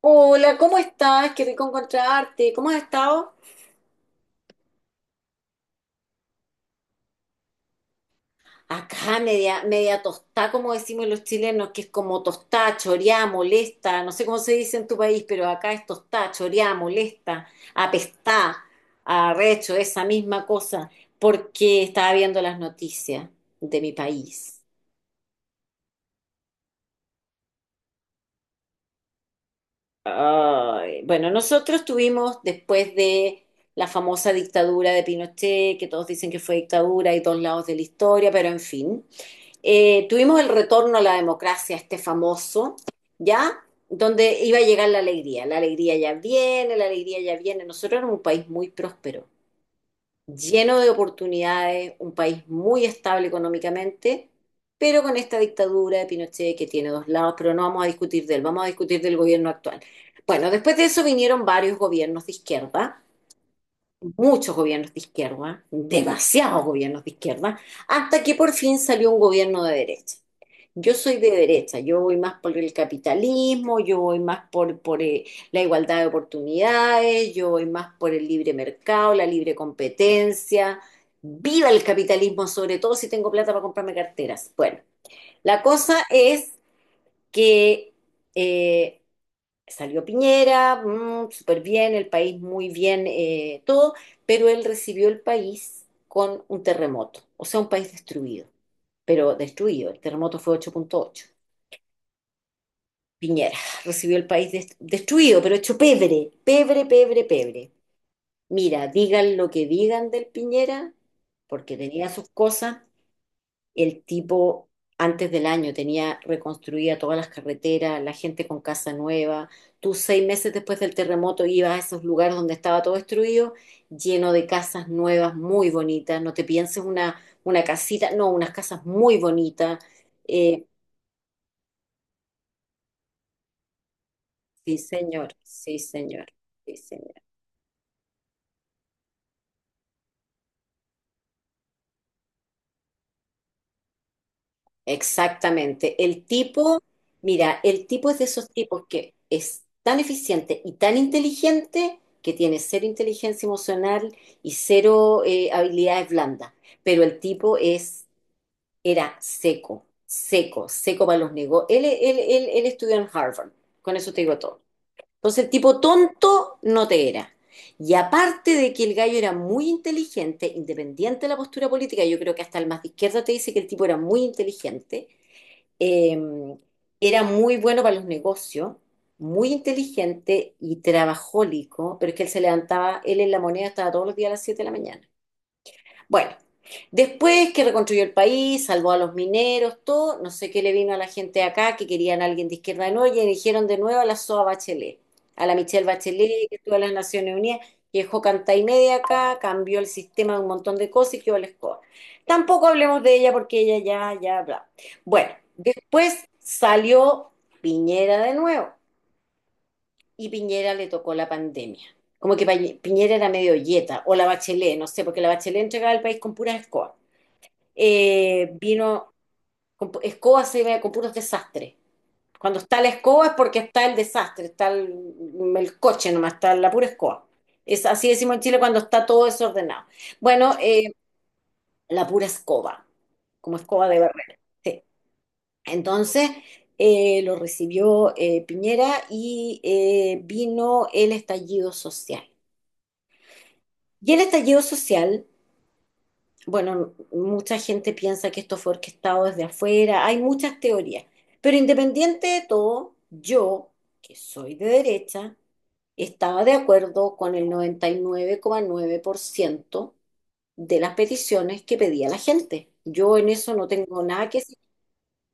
Hola, ¿cómo estás? Qué rico encontrarte. ¿Cómo has estado? Acá media, media tostada, como decimos los chilenos, que es como tostada, choreada, molesta. No sé cómo se dice en tu país, pero acá es tostada, choreada, molesta, apestada, arrecho, esa misma cosa, porque estaba viendo las noticias de mi país. Ay, bueno, nosotros tuvimos después de la famosa dictadura de Pinochet, que todos dicen que fue dictadura y dos lados de la historia, pero en fin, tuvimos el retorno a la democracia, este famoso, ¿ya? Donde iba a llegar la alegría. La alegría ya viene, la alegría ya viene. Nosotros éramos un país muy próspero lleno de oportunidades, un país muy estable económicamente, pero con esta dictadura de Pinochet que tiene dos lados, pero no vamos a discutir de él, vamos a discutir del gobierno actual. Bueno, después de eso vinieron varios gobiernos de izquierda, muchos gobiernos de izquierda, demasiados gobiernos de izquierda, hasta que por fin salió un gobierno de derecha. Yo soy de derecha, yo voy más por el capitalismo, yo voy más por la igualdad de oportunidades, yo voy más por el libre mercado, la libre competencia. Viva el capitalismo, sobre todo si tengo plata para comprarme carteras. Bueno, la cosa es que eh, salió Piñera, súper bien, el país muy bien, todo, pero él recibió el país con un terremoto, o sea, un país destruido, pero destruido, el terremoto fue 8.8. Piñera recibió el país destruido, pero hecho pebre, pebre, pebre, pebre. Mira, digan lo que digan del Piñera, porque tenía sus cosas. El tipo, antes del año, tenía reconstruida todas las carreteras, la gente con casa nueva. Tú seis meses después del terremoto ibas a esos lugares donde estaba todo destruido, lleno de casas nuevas, muy bonitas. No te pienses una casita, no, unas casas muy bonitas. Eh, sí, señor, sí, señor, sí, señor. Exactamente. El tipo, mira, el tipo es de esos tipos que es tan eficiente y tan inteligente que tiene cero inteligencia emocional y cero habilidades blandas. Pero el tipo es, era seco, seco, seco para los negocios. Él estudió en Harvard, con eso te digo todo. Entonces el tipo tonto no te era. Y aparte de que el gallo era muy inteligente, independiente de la postura política, yo creo que hasta el más de izquierda te dice que el tipo era muy inteligente, eh, era muy bueno para los negocios, muy inteligente y trabajólico, pero es que él se levantaba, él en la moneda estaba todos los días a las 7 de la mañana. Bueno, después que reconstruyó el país, salvó a los mineros, todo, no sé qué le vino a la gente de acá que querían a alguien de izquierda de nuevo y eligieron de nuevo a la SOA Bachelet, a la Michelle Bachelet, que estuvo en las Naciones Unidas, que dejó canta y media acá, cambió el sistema de un montón de cosas y quedó la escoba. Tampoco hablemos de ella porque ella ya, ya, bla. Bueno, después salió Piñera de nuevo y Piñera le tocó la pandemia. Como que Piñera era medio yeta, o la Bachelet, no sé, porque la Bachelet entregaba el país con puras escobas vino con, escoba se ve con puros desastres. Cuando está la escoba es porque está el desastre, está el coche nomás, está la pura escoba. Es así decimos en Chile cuando está todo desordenado. Bueno, la pura escoba, como escoba de barrer. Sí. Entonces lo recibió Piñera y vino el estallido social. Y el estallido social. Bueno, mucha gente piensa que esto fue orquestado desde afuera, hay muchas teorías, pero independiente de todo, yo, que soy de derecha, estaba de acuerdo con el 99,9% de las peticiones que pedía la gente. Yo en eso no tengo nada que decir.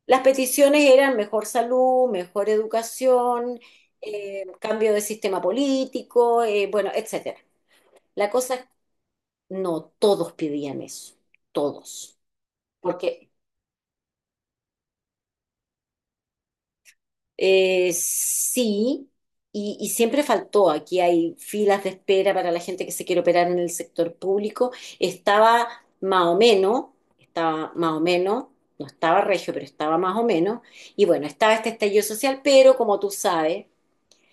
Las peticiones eran mejor salud, mejor educación, cambio de sistema político, bueno, etcétera. La cosa es, no todos pedían eso, todos. Porque sí, y siempre faltó. Aquí hay filas de espera para la gente que se quiere operar en el sector público. Estaba más o menos, estaba más o menos, no estaba regio, pero estaba más o menos. Y bueno, estaba este estallido social, pero como tú sabes,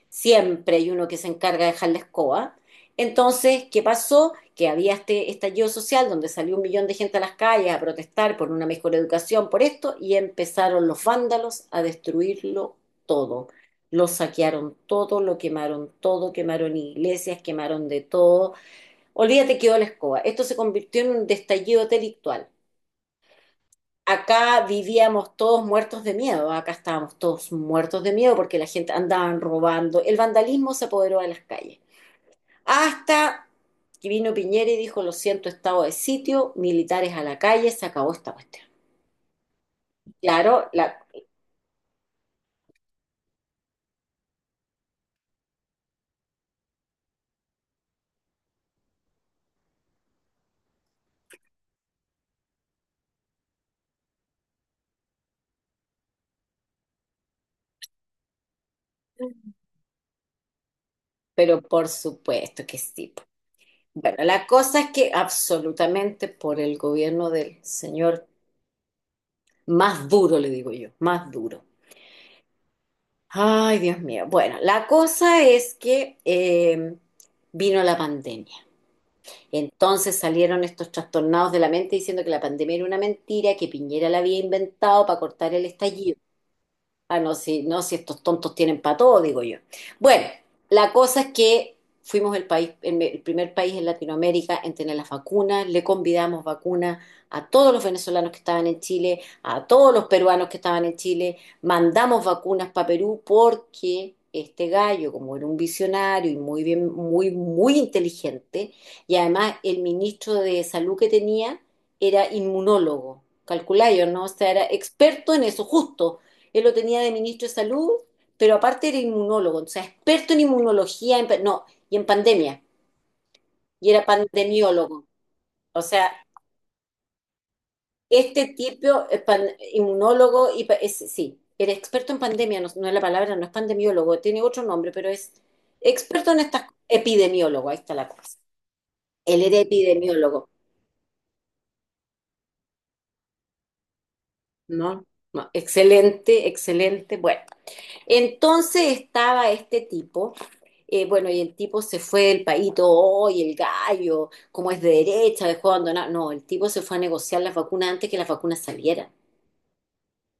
siempre hay uno que se encarga de dejar la escoba. Entonces, ¿qué pasó? Que había este estallido social donde salió un millón de gente a las calles a protestar por una mejor educación, por esto, y empezaron los vándalos a destruirlo todo. Lo saquearon todo, lo quemaron todo, quemaron iglesias, quemaron de todo. Olvídate que quedó la escoba. Esto se convirtió en un estallido delictual. Acá vivíamos todos muertos de miedo, acá estábamos todos muertos de miedo porque la gente andaban robando, el vandalismo se apoderó de las calles. Hasta que vino Piñera y dijo, lo siento, estado de sitio, militares a la calle, se acabó esta cuestión. Claro, pero por supuesto que sí. Bueno, la cosa es que absolutamente por el gobierno del señor más duro, le digo yo, más duro. Ay, Dios mío. Bueno, la cosa es que vino la pandemia. Entonces salieron estos trastornados de la mente diciendo que la pandemia era una mentira, que Piñera la había inventado para cortar el estallido. Ah, no, si, no, si estos tontos tienen para todo, digo yo. Bueno, la cosa es que fuimos el país, el primer país en Latinoamérica en tener las vacunas, le convidamos vacunas a todos los venezolanos que estaban en Chile, a todos los peruanos que estaban en Chile, mandamos vacunas para Perú porque este gallo, como era un visionario y muy bien, muy, muy inteligente, y además el ministro de salud que tenía era inmunólogo calculáis, ¿no? O sea, era experto en eso, justo. Él lo tenía de ministro de salud, pero aparte era inmunólogo, o sea, experto en inmunología, en, no, y en pandemia, y era pandemiólogo. O sea, este tipo, es inmunólogo, y, sí, era experto en pandemia, no, no es la palabra, no es pandemiólogo, tiene otro nombre, pero es experto en estas, epidemiólogo, ahí está la cosa. Él era epidemiólogo, ¿no? No, excelente, excelente. Bueno, entonces estaba este tipo, bueno, y el tipo se fue del país, todo, "Oh, y el gallo, como es de derecha, dejó abandonado. No, el tipo se fue a negociar las vacunas antes que las vacunas salieran.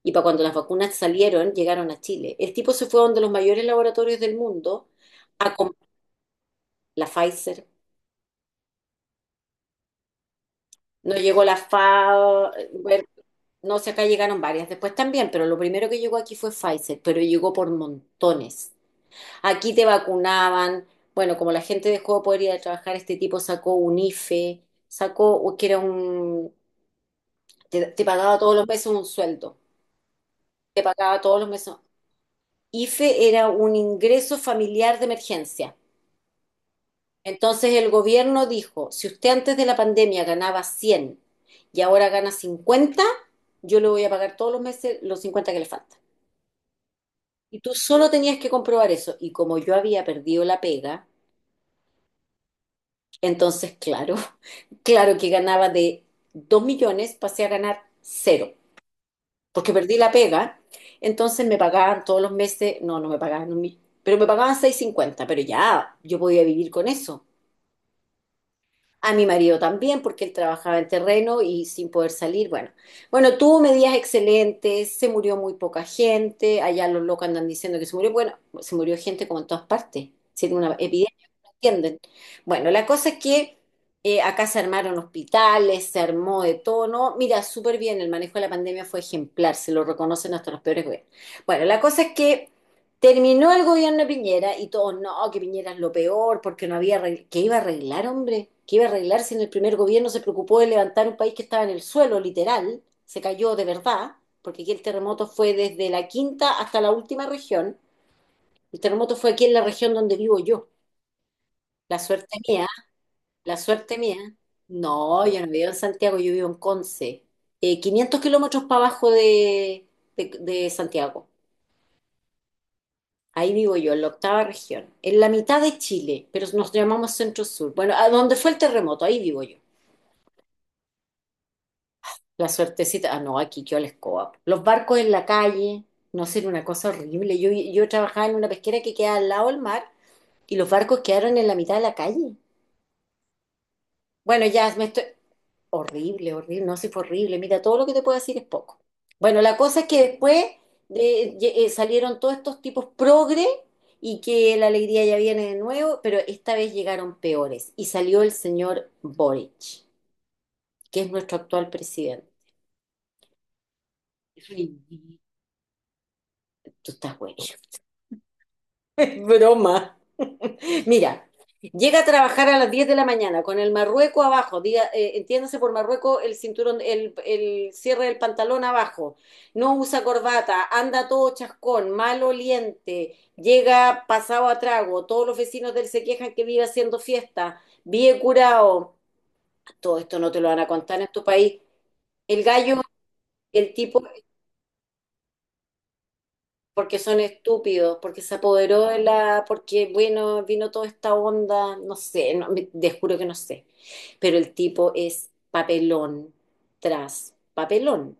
Y para cuando las vacunas salieron, llegaron a Chile. El tipo se fue a uno de los mayores laboratorios del mundo a comprar la Pfizer. No llegó la bueno, no sé, acá llegaron varias después también, pero lo primero que llegó aquí fue Pfizer, pero llegó por montones. Aquí te vacunaban. Bueno, como la gente dejó de poder ir a trabajar, este tipo sacó un IFE, sacó, que era un, te pagaba todos los meses un sueldo, te pagaba todos los meses. IFE era un ingreso familiar de emergencia. Entonces el gobierno dijo, si usted antes de la pandemia ganaba 100 y ahora gana 50, yo le voy a pagar todos los meses los 50 que le faltan. Y tú solo tenías que comprobar eso. Y como yo había perdido la pega, entonces, claro, claro que ganaba de 2 millones, pasé a ganar cero, porque perdí la pega. Entonces me pagaban todos los meses, no, no me pagaban un millón, pero me pagaban 650 pero ya yo podía vivir con eso. A mi marido también, porque él trabajaba en terreno y sin poder salir. Bueno, bueno, tuvo medidas excelentes, se murió muy poca gente, allá los locos andan diciendo que se murió. Bueno, se murió gente como en todas partes, si era una epidemia, no entienden. Bueno, la cosa es que acá se armaron hospitales, se armó de todo, ¿no? Mira, súper bien, el manejo de la pandemia fue ejemplar, se lo reconocen hasta los peores gobiernos. Bueno, la cosa es que terminó el gobierno de Piñera y todos, no, que Piñera es lo peor porque no había, que iba a arreglar, hombre, que iba a arreglar si en el primer gobierno se preocupó de levantar un país que estaba en el suelo, literal, se cayó de verdad, porque aquí el terremoto fue desde la quinta hasta la última región, el terremoto fue aquí en la región donde vivo yo, la suerte mía, la suerte mía, no, yo no vivo en Santiago, yo vivo en Conce, 500 kilómetros para abajo de Santiago. Ahí vivo yo, en la octava región, en la mitad de Chile, pero nos llamamos Centro Sur. Bueno, a donde fue el terremoto, ahí vivo yo. La suertecita, ah, no, aquí yo la escoba. Los barcos en la calle, no sé, era una cosa horrible. Yo trabajaba en una pesquera que queda al lado del mar y los barcos quedaron en la mitad de la calle. Bueno, ya me estoy... Horrible, horrible, no, sí fue horrible. Mira, todo lo que te puedo decir es poco. Bueno, la cosa es que salieron todos estos tipos progre y que la alegría ya viene de nuevo, pero esta vez llegaron peores y salió el señor Boric, que es nuestro actual presidente. Ridículo. Tú estás bueno. Broma. Mira, llega a trabajar a las 10 de la mañana con el marrueco abajo, diga, entiéndase por marrueco el cinturón, el cierre del pantalón abajo, no usa corbata, anda todo chascón, mal oliente, llega pasado a trago, todos los vecinos de él se quejan que vive haciendo fiesta, vive curado. Todo esto no te lo van a contar en tu país. El gallo, el tipo porque son estúpidos, porque se apoderó de la, porque bueno, vino toda esta onda, no sé, no, te juro que no sé, pero el tipo es papelón tras papelón.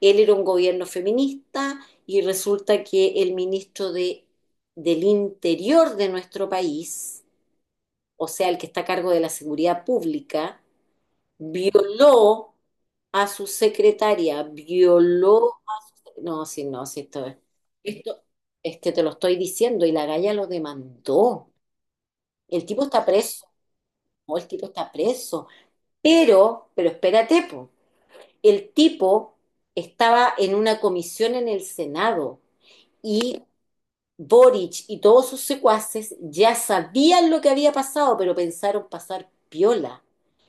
Él era un gobierno feminista y resulta que el ministro de, del Interior de nuestro país, o sea, el que está a cargo de la seguridad pública, violó a su secretaria, violó no, sí, no, sí, esto es. Esto es que te lo estoy diciendo y la galla lo demandó. El tipo está preso, o el tipo está preso. Pero espérate, po. El tipo estaba en una comisión en el Senado y Boric y todos sus secuaces ya sabían lo que había pasado, pero pensaron pasar piola.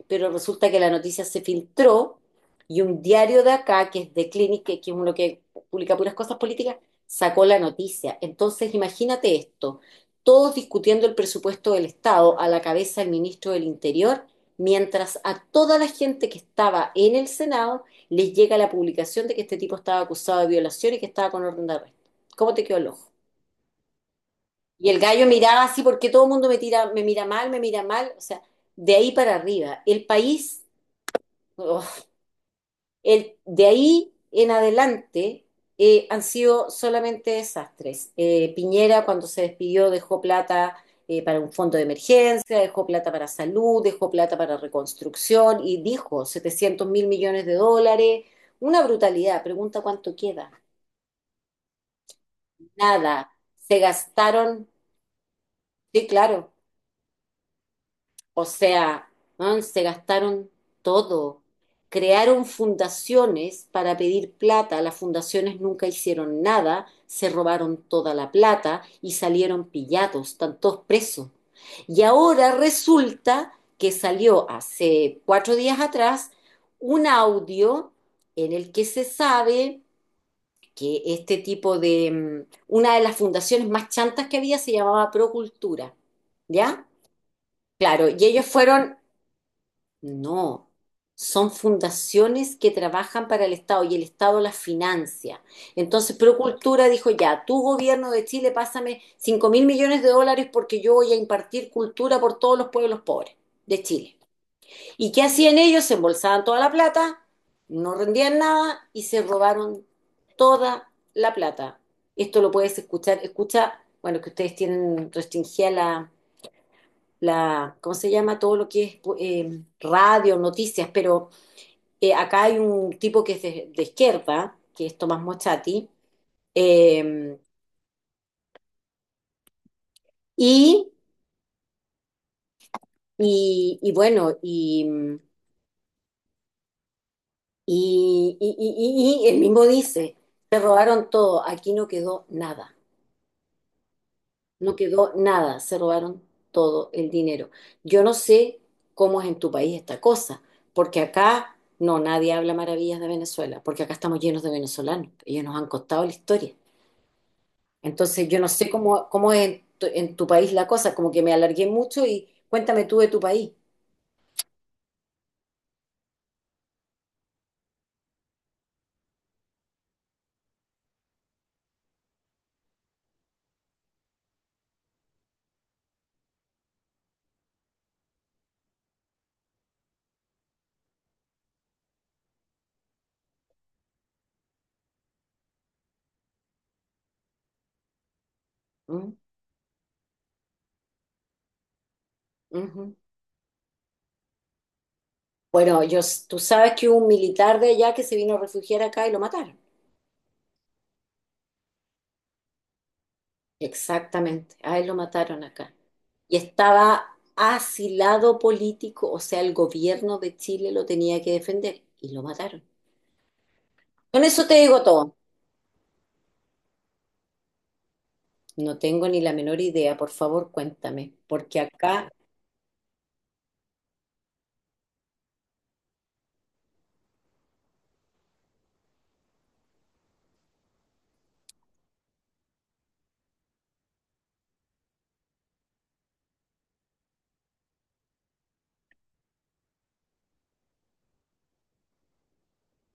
Pero resulta que la noticia se filtró y un diario de acá, que es de Clinic, que es uno que publica puras cosas políticas, sacó la noticia. Entonces, imagínate esto, todos discutiendo el presupuesto del Estado a la cabeza del ministro del Interior, mientras a toda la gente que estaba en el Senado les llega la publicación de que este tipo estaba acusado de violación y que estaba con orden de arresto. ¿Cómo te quedó el ojo? Y el gallo miraba así porque todo el mundo me tira, me mira mal, me mira mal. O sea, de ahí para arriba. El país, oh, el, de ahí en adelante han sido solamente desastres. Piñera cuando se despidió dejó plata para un fondo de emergencia, dejó plata para salud, dejó plata para reconstrucción y dijo 700.000 millones de dólares. Una brutalidad. Pregunta cuánto queda. Nada. Se gastaron, sí, claro. O sea, man, se gastaron todo. Crearon fundaciones para pedir plata, las fundaciones nunca hicieron nada, se robaron toda la plata y salieron pillados, están todos presos. Y ahora resulta que salió hace 4 días atrás un audio en el que se sabe que este tipo de, una de las fundaciones más chantas que había se llamaba Procultura, ¿ya? Claro, y ellos fueron no, son fundaciones que trabajan para el Estado y el Estado las financia. Entonces, Procultura dijo, ya, tu gobierno de Chile, pásame 5.000 millones de dólares porque yo voy a impartir cultura por todos los pueblos pobres de Chile. ¿Y qué hacían ellos? Se embolsaban toda la plata, no rendían nada y se robaron toda la plata. Esto lo puedes escuchar, escucha, bueno, que ustedes tienen restringida la, ¿cómo se llama? Todo lo que es radio, noticias, pero acá hay un tipo que es de izquierda, que es Tomás Mochati, eh, y, y bueno, y él mismo dice, se robaron todo, aquí no quedó nada. No quedó nada, se robaron todo el dinero. Yo no sé cómo es en tu país esta cosa, porque acá no, nadie habla maravillas de Venezuela, porque acá estamos llenos de venezolanos, ellos nos han costado la historia. Entonces yo no sé cómo es en en tu país la cosa, como que me alargué mucho y cuéntame tú de tu país. ¿Mm? Ujú. Bueno, yo, tú sabes que hubo un militar de allá que se vino a refugiar acá y lo mataron. Exactamente, a él lo mataron acá. Y estaba asilado político, o sea, el gobierno de Chile lo tenía que defender y lo mataron. Con eso te digo todo. No tengo ni la menor idea, por favor, cuéntame, porque acá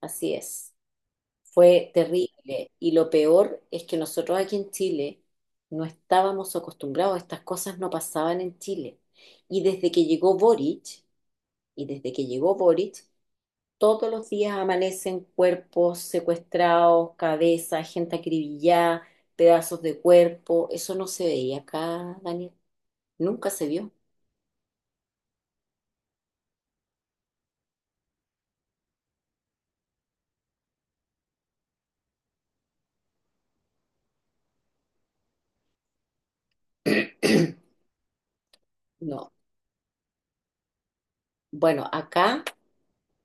así es. Fue terrible y lo peor es que nosotros aquí en Chile no estábamos acostumbrados, estas cosas no pasaban en Chile. Y desde que llegó Boric, y desde que llegó Boric, todos los días amanecen cuerpos secuestrados, cabezas, gente acribillada, pedazos de cuerpo. Eso no se veía acá, Daniel. Nunca se vio. No. Bueno, acá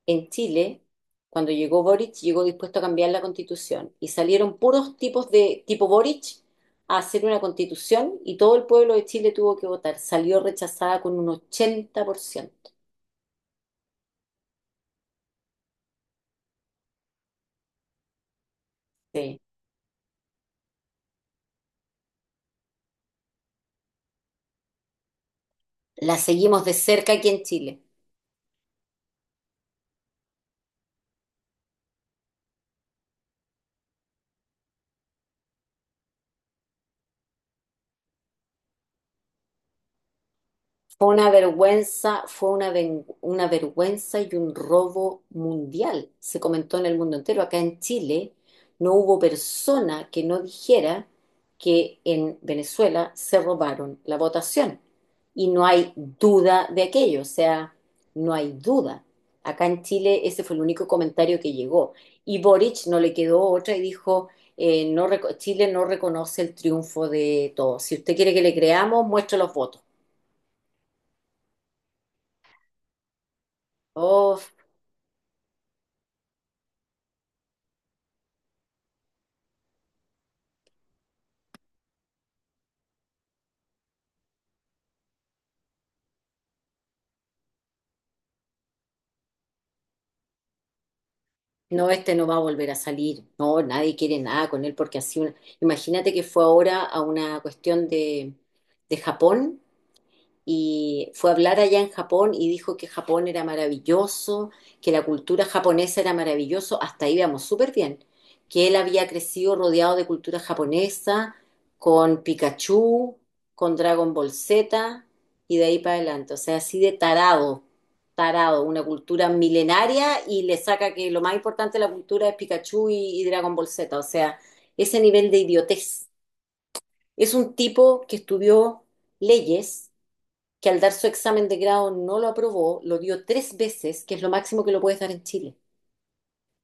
en Chile, cuando llegó Boric, llegó dispuesto a cambiar la constitución y salieron puros tipos de tipo Boric a hacer una constitución y todo el pueblo de Chile tuvo que votar. Salió rechazada con un 80%. Sí. La seguimos de cerca aquí en Chile. Fue una vergüenza, una vergüenza y un robo mundial. Se comentó en el mundo entero. Acá en Chile no hubo persona que no dijera que en Venezuela se robaron la votación. Y no hay duda de aquello, o sea, no hay duda. Acá en Chile ese fue el único comentario que llegó. Y Boric no le quedó otra y dijo, Chile no reconoce el triunfo de todos. Si usted quiere que le creamos, muestre los votos. Oh, no, este no va a volver a salir. No, nadie quiere nada con él porque así una... Imagínate que fue ahora a una cuestión de Japón y fue a hablar allá en Japón y dijo que Japón era maravilloso, que la cultura japonesa era maravilloso, hasta ahí íbamos súper bien, que él había crecido rodeado de cultura japonesa, con Pikachu, con Dragon Ball Z y de ahí para adelante, o sea, así de tarado, tarado, una cultura milenaria y le saca que lo más importante de la cultura es Pikachu y Dragon Ball Z, o sea, ese nivel de idiotez. Es un tipo que estudió leyes que al dar su examen de grado no lo aprobó, lo dio tres veces, que es lo máximo que lo puedes dar en Chile.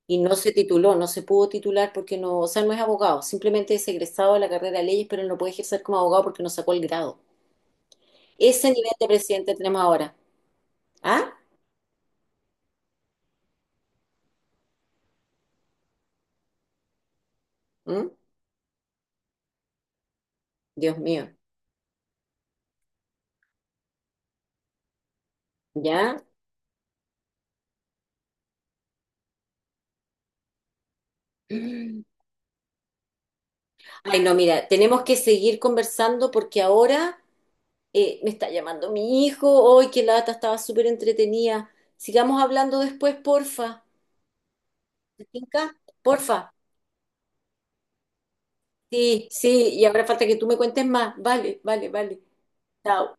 Y no se tituló, no se pudo titular porque no, o sea, no es abogado, simplemente es egresado de la carrera de leyes, pero no puede ejercer como abogado porque no sacó el grado. Ese nivel de presidente tenemos ahora. ¿Ah? ¿Mm? Dios mío. ¿Ya? Mm. Ay, no, mira, tenemos que seguir conversando porque ahora me está llamando mi hijo. Hoy qué lata, estaba súper entretenida. Sigamos hablando después, porfa. ¿Te tinca? Porfa. Sí, sí, y ahora falta que tú me cuentes más. Vale, vale, vale. Chao.